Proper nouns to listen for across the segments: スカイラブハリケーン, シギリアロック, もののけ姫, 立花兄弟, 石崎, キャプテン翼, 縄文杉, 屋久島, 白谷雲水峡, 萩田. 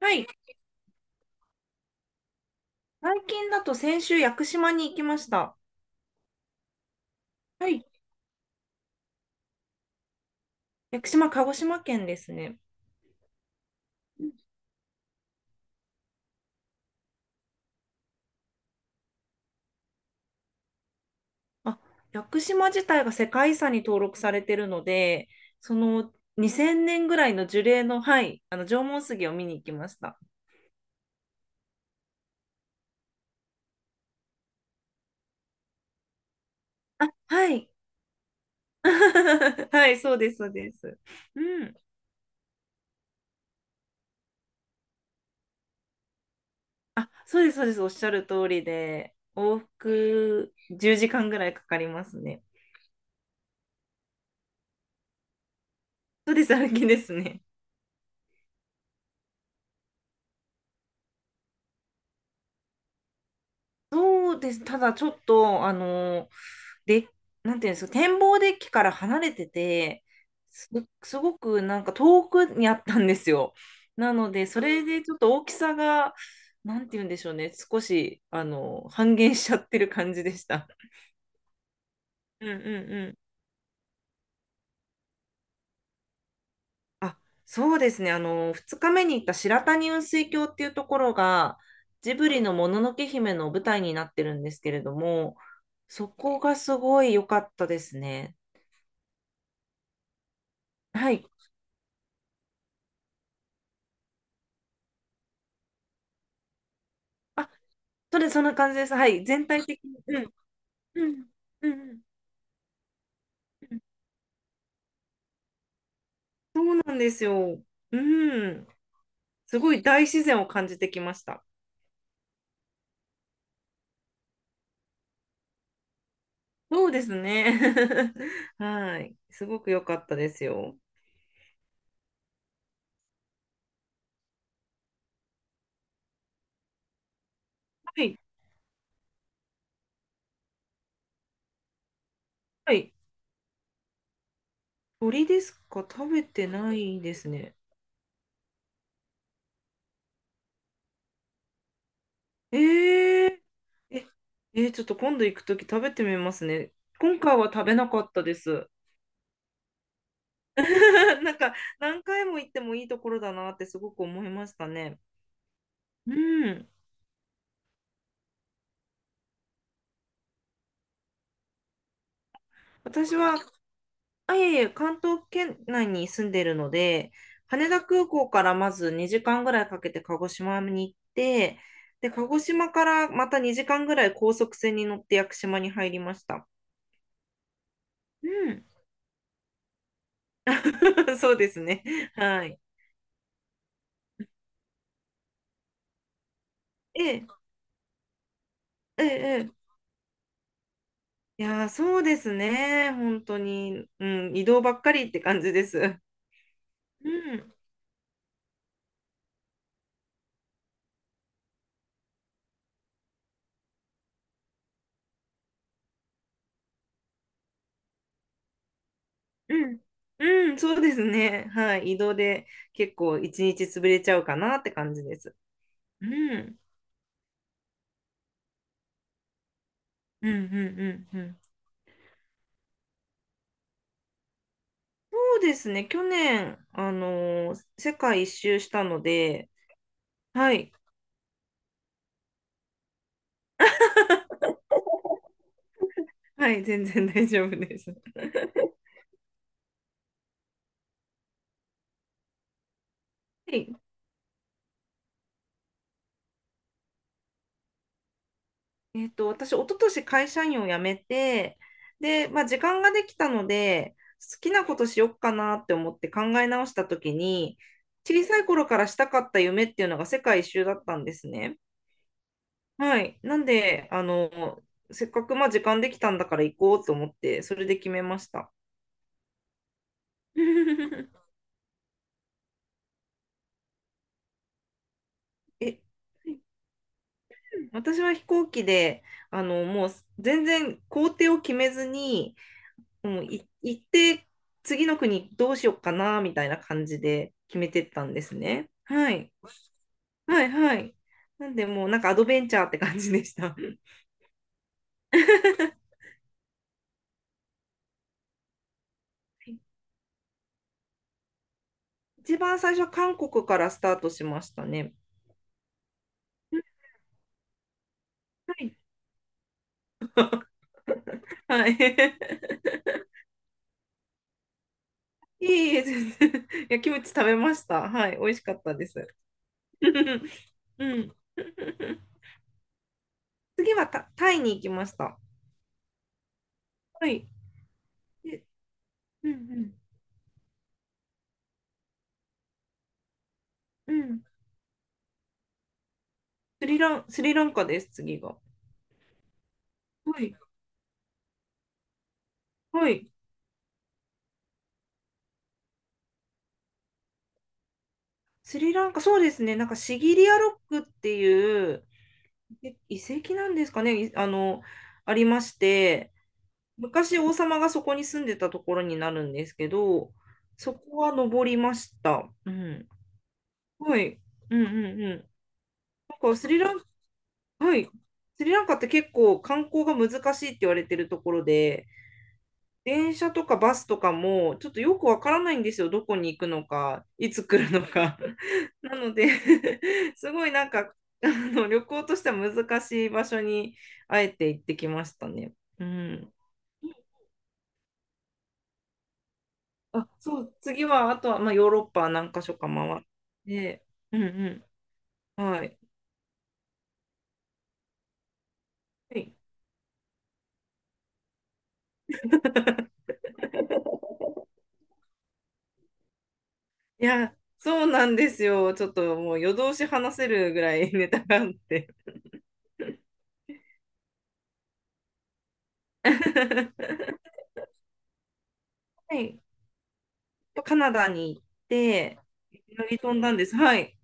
はい。最近だと先週、屋久島に行きました。はい。屋久島、鹿児島県ですね。あ、屋久島自体が世界遺産に登録されてるので、その2000年ぐらいの樹齢の、はい、あの縄文杉を見に行きました。あ、はい。はい、そうです、そうです。うん。あ、そうです、そうです。おっしゃる通りで、往復10時間ぐらいかかりますね。そうです、歩きですね。そうです。ただちょっと、で、なんていうんですか、展望デッキから離れてて、す、すごくなんか遠くにあったんですよ。なので、それでちょっと大きさが、なんていうんでしょうね、少し、半減しちゃってる感じでした。うんうんうん。あ、そうですね。2日目に行った白谷雲水峡っていうところが、ジブリのもののけ姫の舞台になってるんですけれども、そこがすごい良かったですね。はい。あ、そんな感じです。はい。全体的に。うん、うん、うん、そうなんですよ。うん。すごい大自然を感じてきました。そうですね。はい。すごく良かったですよ。はい。はい。鳥ですか？食べてないですね。えー、え、えーちょっと今度行くとき食べてみますね。今回は食べなかったです。なんか何回も行ってもいいところだなってすごく思いましたね。うん。私はあ、いえいえ、関東圏内に住んでるので、羽田空港からまず2時間ぐらいかけて鹿児島に行って、で、鹿児島からまた2時間ぐらい高速船に乗って屋久島に入りました。うん。そうですね。はい。ええ、ええ、ええ、いやー、そうですね。本当に。うん、移動ばっかりって感じです。うん、うん、うん、そうですね。はい。移動で結構一日潰れちゃうかなって感じです。うん。うんうんうんうん。そうですね。去年、世界一周したので、はい。はい、全然大丈夫です。はい。私、一昨年会社員を辞めて、で、まあ、時間ができたので、好きなことしよっかなって思って考え直したときに、小さい頃からしたかった夢っていうのが世界一周だったんですね。はい。なんで、せっかくまあ時間できたんだから行こうと思って、それで決めました。え私は飛行機で、あの、もう全然行程を決めずに、もう行って次の国どうしようかな、みたいな感じで決めてったんですね。はい。はいはい。なんでもうなんかアドベンチャーって感じでした。一番最初は韓国からスタートしましたね。はい。はい。いえいえ、全然。いや、キムチ食べました。はい。美味しかったです。うん。次はタイに行きました。はい。でうんうん。うん。スリランカです、次が。はい。はい。スリランカ、そうですね。なんかシギリアロックっていう遺跡なんですかね。あの、ありまして、昔王様がそこに住んでたところになるんですけど、そこは登りました。うん。はい。うんうんうん。なんかスリラン、はい。スリランカって結構観光が難しいって言われてるところで、電車とかバスとかも、ちょっとよくわからないんですよ。どこに行くのか、いつ来るのか。なので すごいなんか、旅行としては難しい場所に、あえて行ってきましたね。うん。あ、そう、次は、あとは、まあ、ヨーロッパ何か所か回って、うんうん。はい。はい、いや、そうなんですよ。ちょっともう夜通し話せるぐらい ネタがあって。はい。カナダに行って、乗り飛んだんです。はい。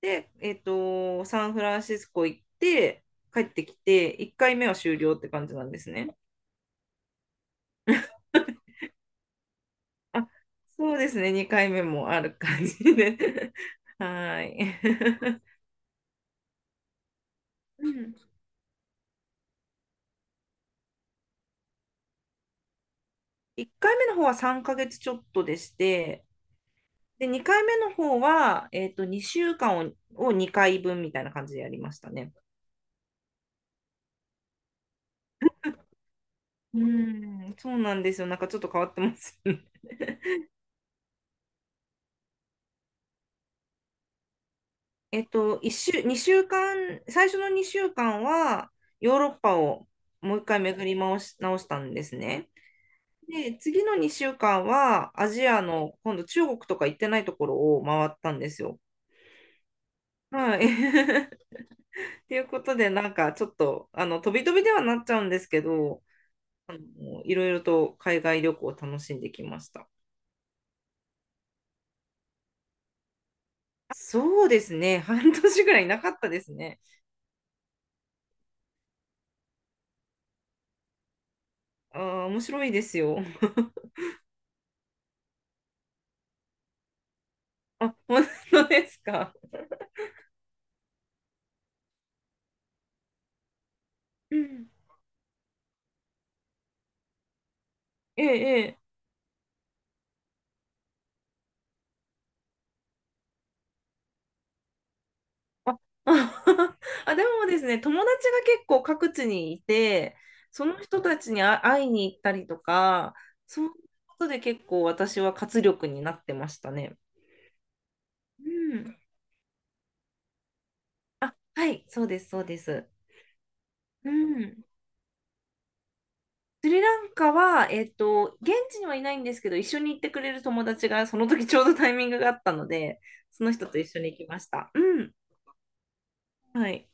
で、サンフランシスコ行って、帰ってきて、1回目は終了って感じなんですね。あ、そうですね、2回目もある感じで。はーい。うん、1回目の方は3ヶ月ちょっとでして、で、2回目の方は、2週間を、2回分みたいな感じでやりましたね。うん、そうなんですよ。なんかちょっと変わってますよね。2週間、最初の2週間はヨーロッパをもう一回巡り回し、直したんですね。で、次の2週間はアジアの今度中国とか行ってないところを回ったんですよ。はい。っていうことで、なんかちょっと、飛び飛びではなっちゃうんですけど、いろいろと海外旅行を楽しんできました。そうですね。半年ぐらいなかったですね。ああ、面白いですよ。あ、本当ですか？うん、ええ、ええ。あ、でもですね、友達が結構各地にいて、その人たちに会いに行ったりとか、そういうことで結構私は活力になってましたね。うん。あ、はい、そうです、そうです。うん。スリランカは、現地にはいないんですけど、一緒に行ってくれる友達が、その時ちょうどタイミングがあったので、その人と一緒に行きました。うん。はい。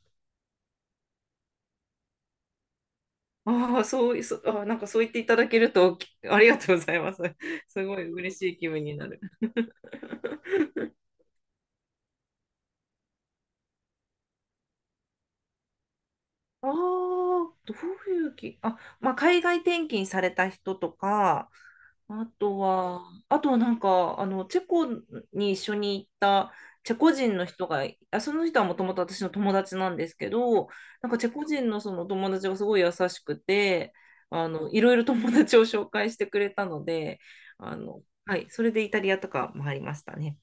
ああ、そうい、そ、あ、なんかそう言っていただけると、ありがとうございます。すごい嬉しい気分になる。ああ、どういうき、あ、まあ、海外転勤された人とか、あとは、あとはなんか、チェコに一緒に行ったチェコ人の人が、あ、その人はもともと私の友達なんですけど、なんかチェコ人のその友達がすごい優しくて、いろいろ友達を紹介してくれたので、はい、それでイタリアとか回りましたね。